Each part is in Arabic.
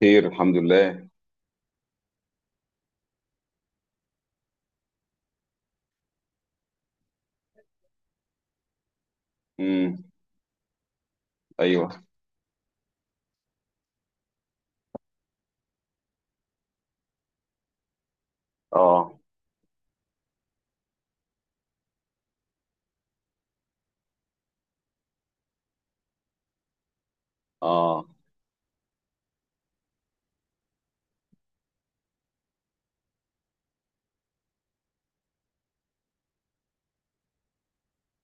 خير الحمد لله. امم. ايوه. اه. اه.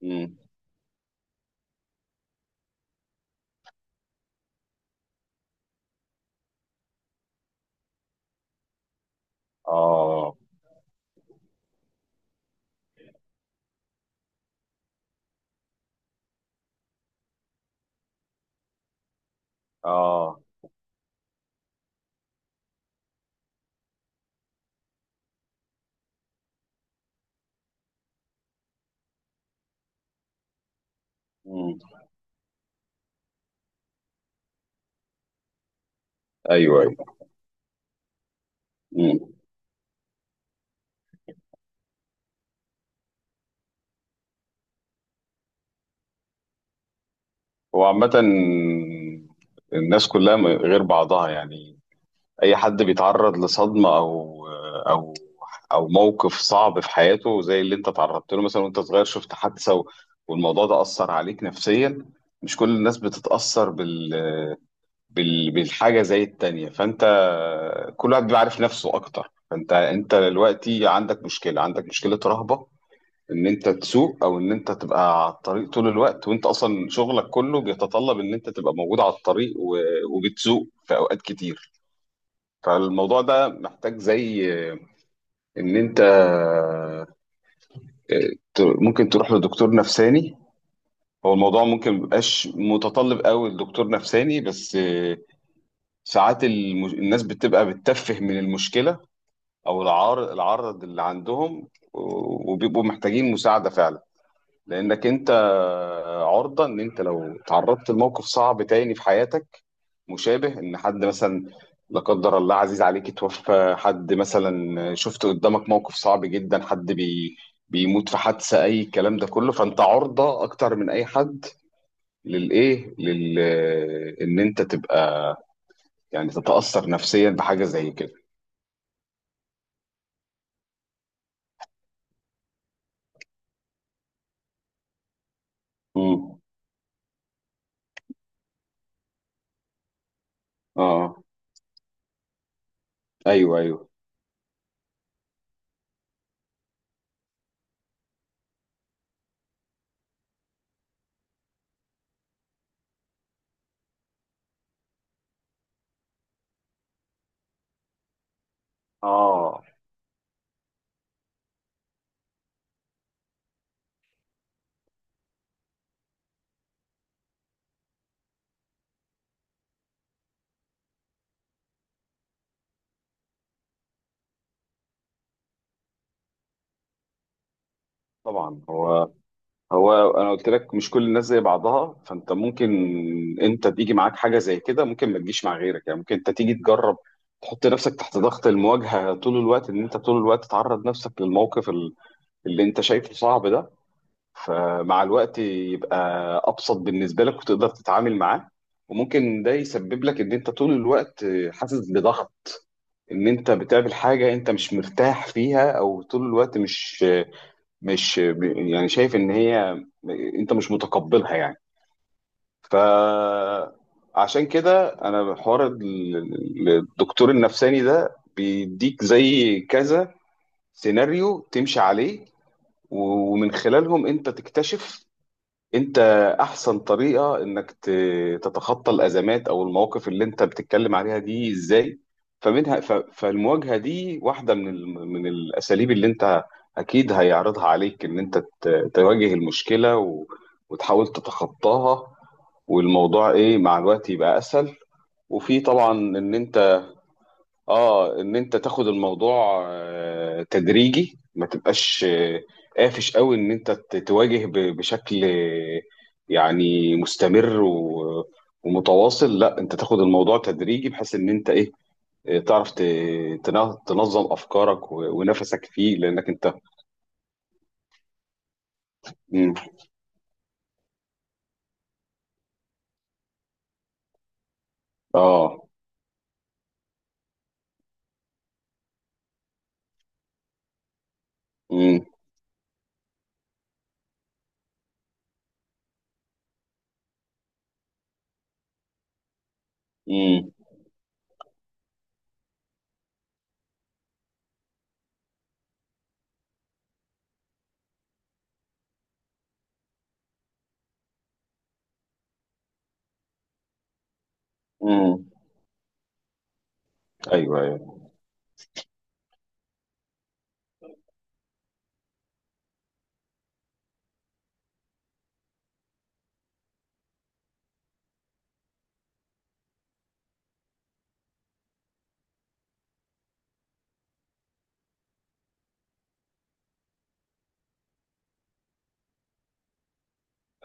امم. اه. اه. امم. ايوه، ايوه. امم. هو عامة الناس كلها غير بعضها، يعني. اي حد بيتعرض لصدمة او او موقف صعب في حياته، زي اللي انت تعرضت له مثلا، وانت صغير شفت حادثة، و- والموضوع ده اثر عليك نفسيا. مش كل الناس بتتاثر بالحاجة زي التانية. فأنت، كل واحد بيبقى عارف نفسه أكتر. فأنت دلوقتي عندك مشكلة، عندك مشكلة رهبة، إن أنت تسوق أو إن أنت تبقى على الطريق طول الوقت، وأنت أصلا شغلك كله بيتطلب إن أنت تبقى موجود على الطريق، و- وبتسوق في أوقات كتير. فالموضوع ده محتاج، زي إن أنت، ممكن تروح لدكتور نفساني. هو الموضوع ممكن ميبقاش متطلب قوي لدكتور نفساني، بس ساعات الناس بتبقى بتتفه من المشكلة، أو العرض اللي عندهم، و- وبيبقوا محتاجين مساعدة فعلا. لأنك أنت عرضة، إن أنت لو تعرضت لموقف صعب تاني في حياتك، مشابه، إن حد مثلا، لا قدر الله، عزيز عليك اتوفى، حد مثلا شفت قدامك موقف صعب جدا، حد بيموت في حادثة، أي الكلام ده كله، فأنت عرضة أكتر من أي حد للإيه لل... إن أنت تبقى، يعني تتأثر نفسيا بحاجة زي كده. امم. اه. ايوه، ايوه. اه. طبعا، هو انا قلت لك مش كل الناس زي بعضها. فانت ممكن انت تيجي معاك حاجه زي كده، ممكن ما تجيش مع غيرك، يعني ممكن انت تيجي تجرب تحط نفسك تحت ضغط المواجهه طول الوقت، ان انت طول الوقت تعرض نفسك للموقف اللي انت شايفه صعب ده، فمع الوقت يبقى ابسط بالنسبه لك وتقدر تتعامل معاه. وممكن ده يسبب لك ان انت طول الوقت حاسس بضغط، ان انت بتقابل حاجه انت مش مرتاح فيها، او طول الوقت مش، يعني شايف ان هي انت مش متقبلها، يعني. ف عشان كده، انا حوار الدكتور النفساني ده بيديك زي كذا سيناريو تمشي عليه، ومن خلالهم انت تكتشف انت احسن طريقة انك تتخطى الازمات او المواقف اللي انت بتتكلم عليها دي ازاي. فمنها، ف- فالمواجهة دي واحدة من من الاساليب اللي انت اكيد هيعرضها عليك، ان انت تواجه المشكلة، و- وتحاول تتخطاها، والموضوع، ايه، مع الوقت يبقى اسهل. وفي طبعا ان انت، اه ان انت تاخد الموضوع تدريجي، ما تبقاش قافش قوي، ان انت تواجه ب- بشكل يعني مستمر و- ومتواصل. لا، انت تاخد الموضوع تدريجي، بحيث ان انت ايه، تعرف تنظم افكارك و- ونفسك فيه، لانك انت. مم. اه. مم. مم. مم. ايوه، ايوه،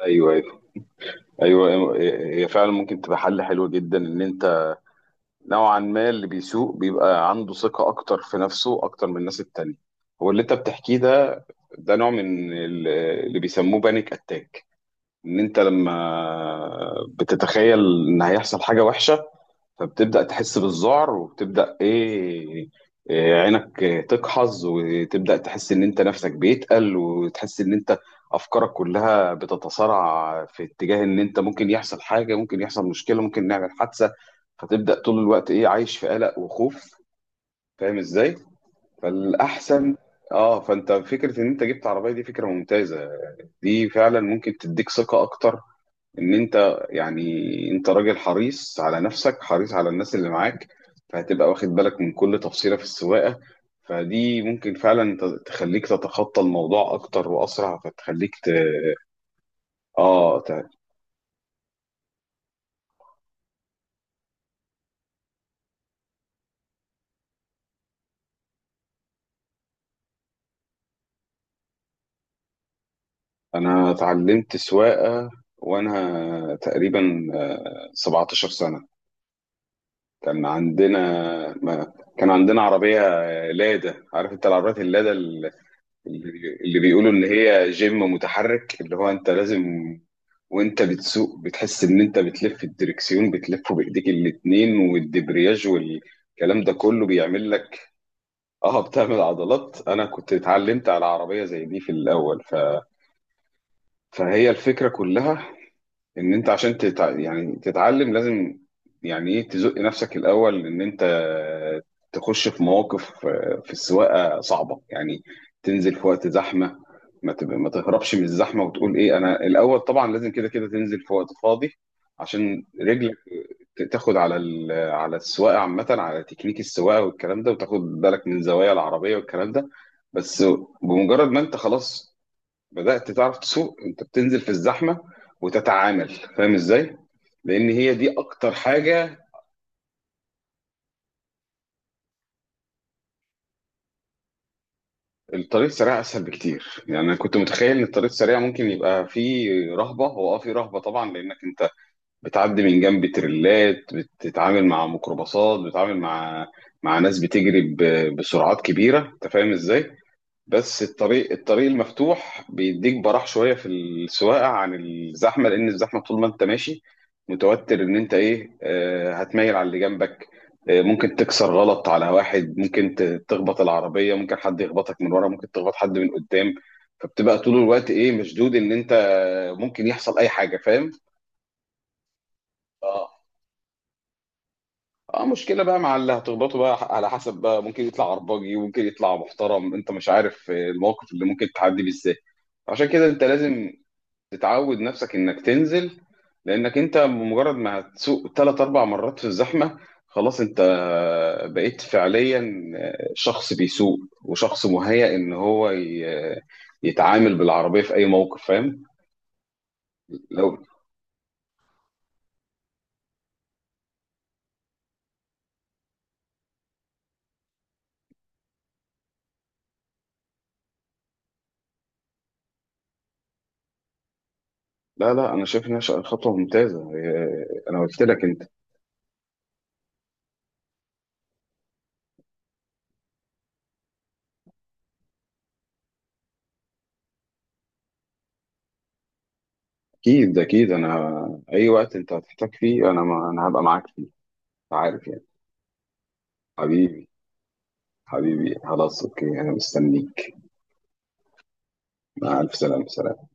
ايوه، ايوه، ايوه. هي فعلا ممكن تبقى حل حلو جدا، ان انت نوعا ما اللي بيسوق بيبقى عنده ثقة أكتر في نفسه، أكتر من الناس التانية. هو اللي أنت بتحكيه ده، ده نوع من اللي بيسموه بانيك أتاك، إن أنت لما بتتخيل إن هيحصل حاجة وحشة، فبتبدأ تحس بالذعر وبتبدأ إيه، عينك تقحظ، وتبدأ تحس إن أنت نفسك بيتقل، وتحس إن أنت أفكارك كلها بتتصارع في اتجاه، إن أنت ممكن يحصل حاجة، ممكن يحصل مشكلة، ممكن نعمل حادثة. فتبدأ طول الوقت، إيه، عايش في قلق وخوف. فاهم إزاي؟ فالأحسن، فأنت، فكرة إن أنت جبت عربية دي فكرة ممتازة. دي فعلا ممكن تديك ثقة أكتر، ان انت يعني، انت راجل حريص على نفسك، حريص على الناس اللي معاك، فهتبقى واخد بالك من كل تفصيلة في السواقة. فدي ممكن فعلا تخليك تتخطى الموضوع اكتر واسرع، فتخليك. اه. انا اتعلمت سواقة وانا تقريبا 17 سنة. كان عندنا، ما... كان عندنا عربية لادا. عارف انت العربيات اللادا، اللي بيقولوا اللي هي جيم متحرك، اللي هو انت لازم، وانت بتسوق بتحس ان انت بتلف الدركسيون، بتلفه بايديك الاتنين، والدبرياج والكلام ده كله بيعمل لك، اه، بتعمل عضلات. انا كنت اتعلمت على عربية زي دي في الاول. فهي الفكرة كلها، ان انت عشان يعني تتعلم، لازم، يعني ايه، تزق نفسك الاول، ان انت تخش في مواقف في السواقه صعبه، يعني تنزل في وقت زحمه، ما تهربش من الزحمه، وتقول ايه، انا الاول طبعا لازم كده كده تنزل في وقت فاضي، عشان رجلك تاخد على على السواقه عامه، على تكنيك السواقه والكلام ده، وتاخد بالك من زوايا العربيه والكلام ده. بس بمجرد ما انت خلاص بدأت تعرف تسوق، انت بتنزل في الزحمة وتتعامل. فاهم ازاي؟ لان هي دي اكتر حاجة. الطريق السريع اسهل بكتير، يعني انا كنت متخيل ان الطريق السريع ممكن يبقى فيه رهبة. هو اه، فيه رهبة طبعا، لانك انت بتعدي من جنب تريلات، بتتعامل مع ميكروباصات، بتتعامل مع ناس بتجري ب- بسرعات كبيرة. انت فاهم ازاي؟ بس الطريق، المفتوح بيديك براح شويه في السواقه عن الزحمه، لان الزحمه طول ما انت ماشي متوتر، ان انت ايه، هتميل على اللي جنبك، ممكن تكسر غلط على واحد، ممكن تخبط العربيه، ممكن حد يخبطك من ورا، ممكن تخبط حد من قدام. فبتبقى طول الوقت، ايه، مشدود، ان انت ممكن يحصل اي حاجه، فاهم. اه. اه، مشكلة بقى مع اللي هتخبطه بقى، على حسب بقى ممكن يطلع عرباجي وممكن يطلع محترم، انت مش عارف الموقف اللي ممكن تعدي بيه ازاي. عشان كده انت لازم تتعود نفسك انك تنزل، لانك انت بمجرد ما هتسوق ثلاث اربع مرات في الزحمه، خلاص انت بقيت فعليا شخص بيسوق، وشخص مهيأ ان هو يتعامل بالعربيه في اي موقف. فاهم. لو. لا، لا، انا شايف انها خطوه ممتازه. انا قلت لك انت. اكيد، انا اي وقت انت هتحتاج فيه، انا ما انا هبقى معاك فيه. عارف يعني. حبيبي، حبيبي خلاص، اوكي، انا مستنيك. مع الف سلامه. سلام.